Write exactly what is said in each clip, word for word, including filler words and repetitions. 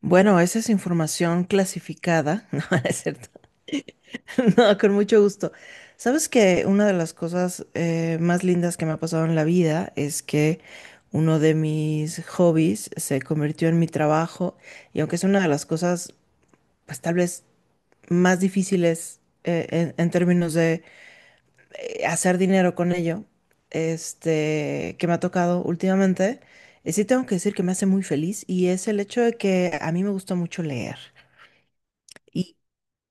Bueno, esa es información clasificada, no, no es cierto. No, con mucho gusto. Sabes que una de las cosas eh, más lindas que me ha pasado en la vida es que uno de mis hobbies se convirtió en mi trabajo y aunque es una de las cosas, pues tal vez más difíciles eh, en, en términos de eh, hacer dinero con ello, este, que me ha tocado últimamente, eh, sí tengo que decir que me hace muy feliz y es el hecho de que a mí me gusta mucho leer. Y,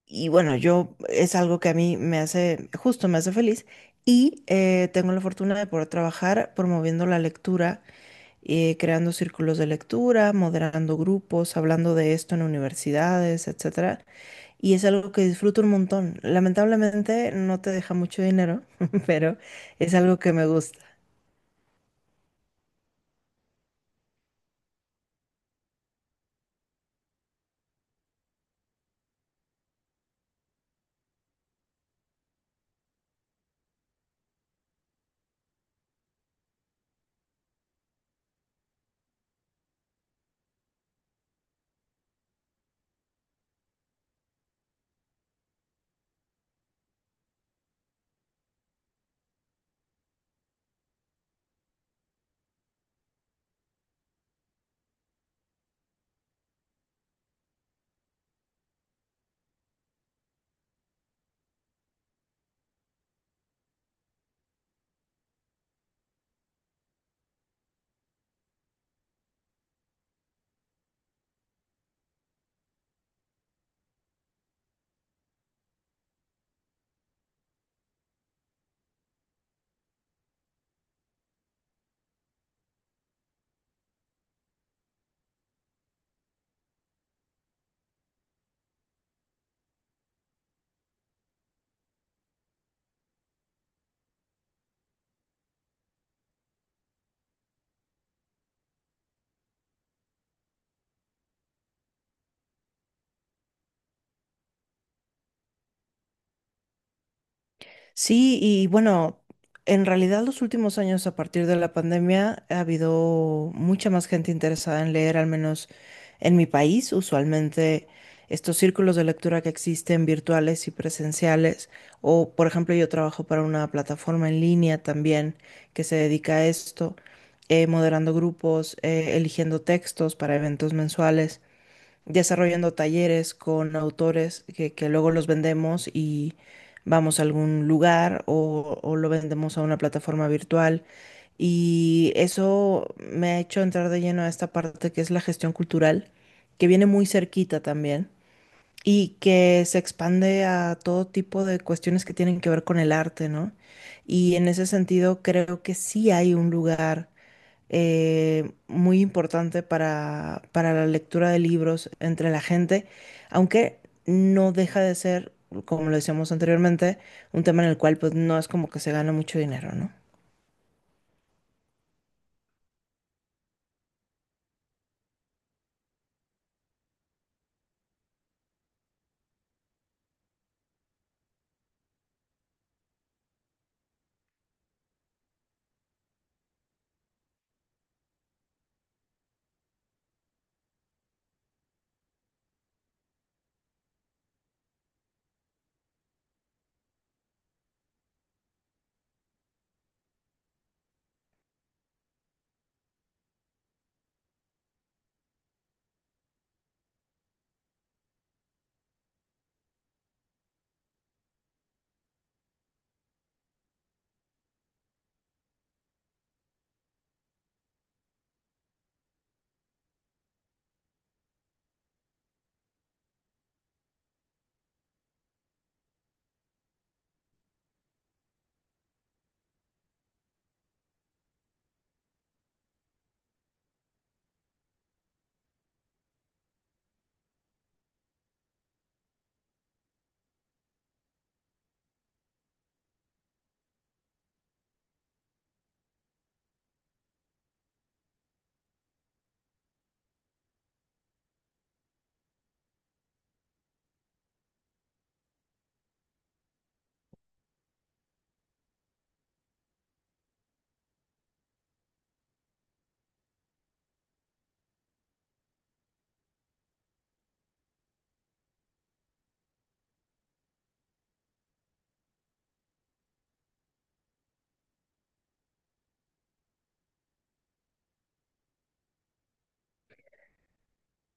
y bueno, yo es algo que a mí me hace, justo me hace feliz. Y eh, tengo la fortuna de poder trabajar promoviendo la lectura, eh, creando círculos de lectura, moderando grupos, hablando de esto en universidades, etcétera. Y es algo que disfruto un montón. Lamentablemente no te deja mucho dinero, pero es algo que me gusta. Sí, y bueno, en realidad los últimos años a partir de la pandemia ha habido mucha más gente interesada en leer, al menos en mi país. Usualmente estos círculos de lectura que existen virtuales y presenciales, o por ejemplo yo trabajo para una plataforma en línea también que se dedica a esto, eh, moderando grupos, eh, eligiendo textos para eventos mensuales desarrollando talleres con autores que, que luego los vendemos y vamos a algún lugar o, o lo vendemos a una plataforma virtual. Y eso me ha hecho entrar de lleno a esta parte que es la gestión cultural, que viene muy cerquita también y que se expande a todo tipo de cuestiones que tienen que ver con el arte, ¿no? Y en ese sentido creo que sí hay un lugar eh, muy importante para, para la lectura de libros entre la gente, aunque no deja de ser, como lo decíamos anteriormente, un tema en el cual pues no es como que se gana mucho dinero, ¿no?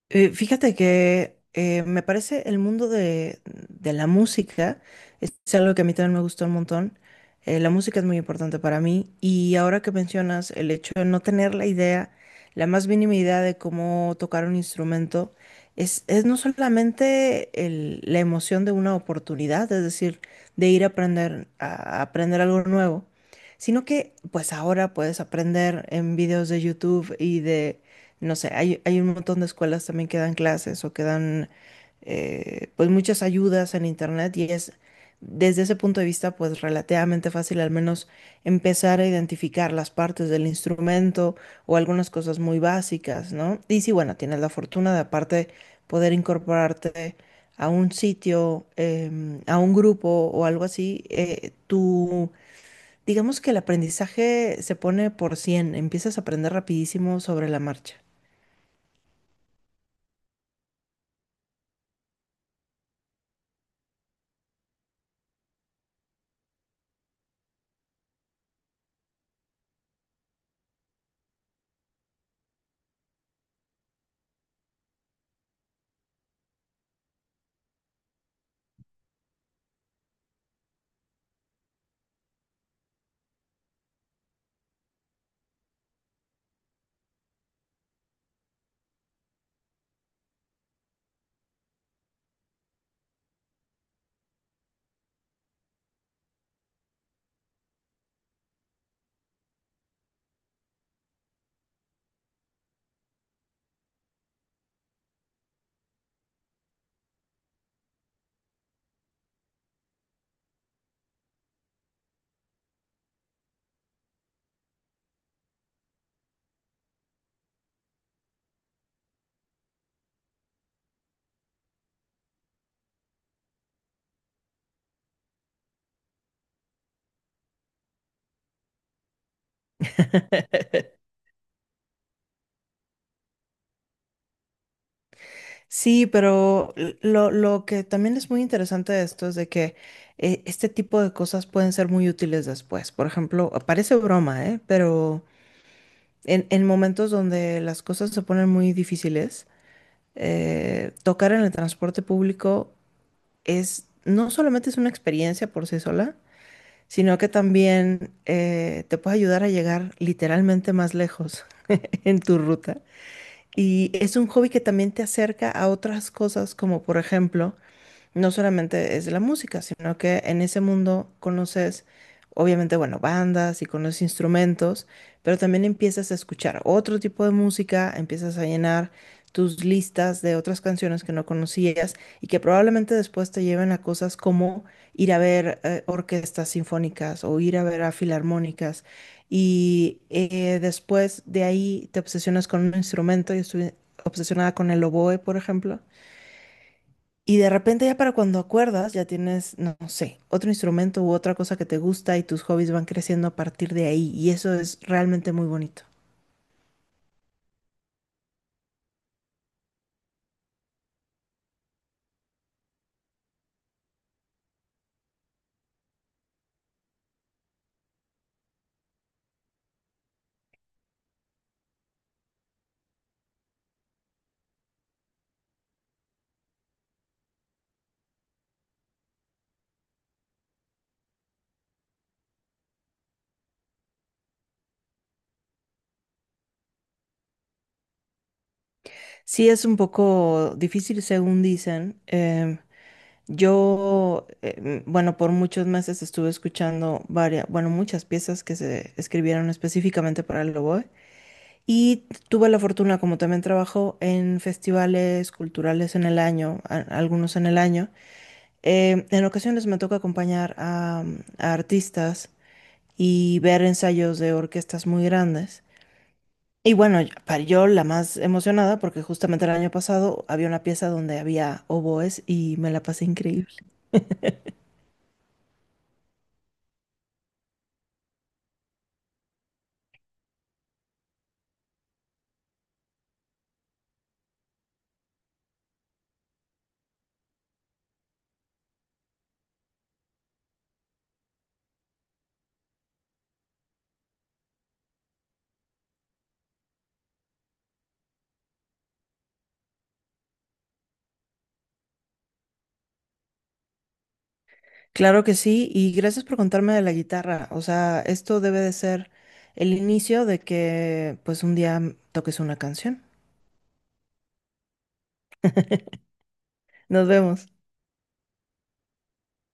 Eh, fíjate que eh, me parece el mundo de, de la música es algo que a mí también me gustó un montón. Eh, la música es muy importante para mí y ahora que mencionas el hecho de no tener la idea, la más mínima idea de cómo tocar un instrumento, es, es no solamente el- la emoción de una oportunidad, es decir, de ir a aprender, a aprender algo nuevo, sino que pues ahora puedes aprender en videos de YouTube y de no sé, hay, hay un montón de escuelas también que dan clases o que dan eh, pues muchas ayudas en internet y es desde ese punto de vista pues relativamente fácil al menos empezar a identificar las partes del instrumento o algunas cosas muy básicas, ¿no? Y si bueno, tienes la fortuna de aparte poder incorporarte a un sitio, em, a un grupo o algo así, eh, tú... Digamos que el aprendizaje se pone por cien empiezas a aprender rapidísimo sobre la marcha. Sí, pero l- lo, lo que también es muy interesante de esto es de que eh, este tipo de cosas pueden ser muy útiles después. Por ejemplo, ah, parece broma, ¿eh? Pero en, en momentos donde las cosas se ponen muy difíciles, eh, tocar en el transporte público es, no solamente es una experiencia por sí sola, sino que también eh, te puede ayudar a llegar literalmente más lejos en tu ruta. Y es un hobby que también te acerca a otras cosas, como por ejemplo, no solamente es de la música, sino que en ese mundo conoces, obviamente, bueno, bandas y conoces instrumentos, pero también empiezas a escuchar otro tipo de música, empiezas a llenar tus listas de otras canciones que no conocías y que probablemente después te lleven a cosas como ir a ver eh, orquestas sinfónicas o ir a ver a filarmónicas. Y eh, después de ahí te obsesionas con un instrumento. Yo estuve obsesionada con el oboe, por ejemplo y de repente ya para cuando acuerdas, ya tienes, no, no sé, otro instrumento u otra cosa que te gusta y tus hobbies van creciendo a partir de ahí. Y eso es realmente muy bonito. Sí, es un poco difícil según dicen. Em, yo, em, bueno, por muchos meses estuve escuchando varias, bueno, muchas piezas que se escribieron específicamente para el oboe. Y tuve la fortuna, como también trabajo en festivales culturales en el año, a- algunos en el año. Eh, en ocasiones me toca acompañar a, a artistas y ver ensayos de orquestas muy grandes. Y bueno, yo- para yo la más emocionada, porque justamente el año pasado había una pieza donde había oboes y me la pasé increíble. Claro que sí, y gracias por contarme de la guitarra. O sea, esto debe de ser el inicio de que pues un día toques una canción. Nos vemos.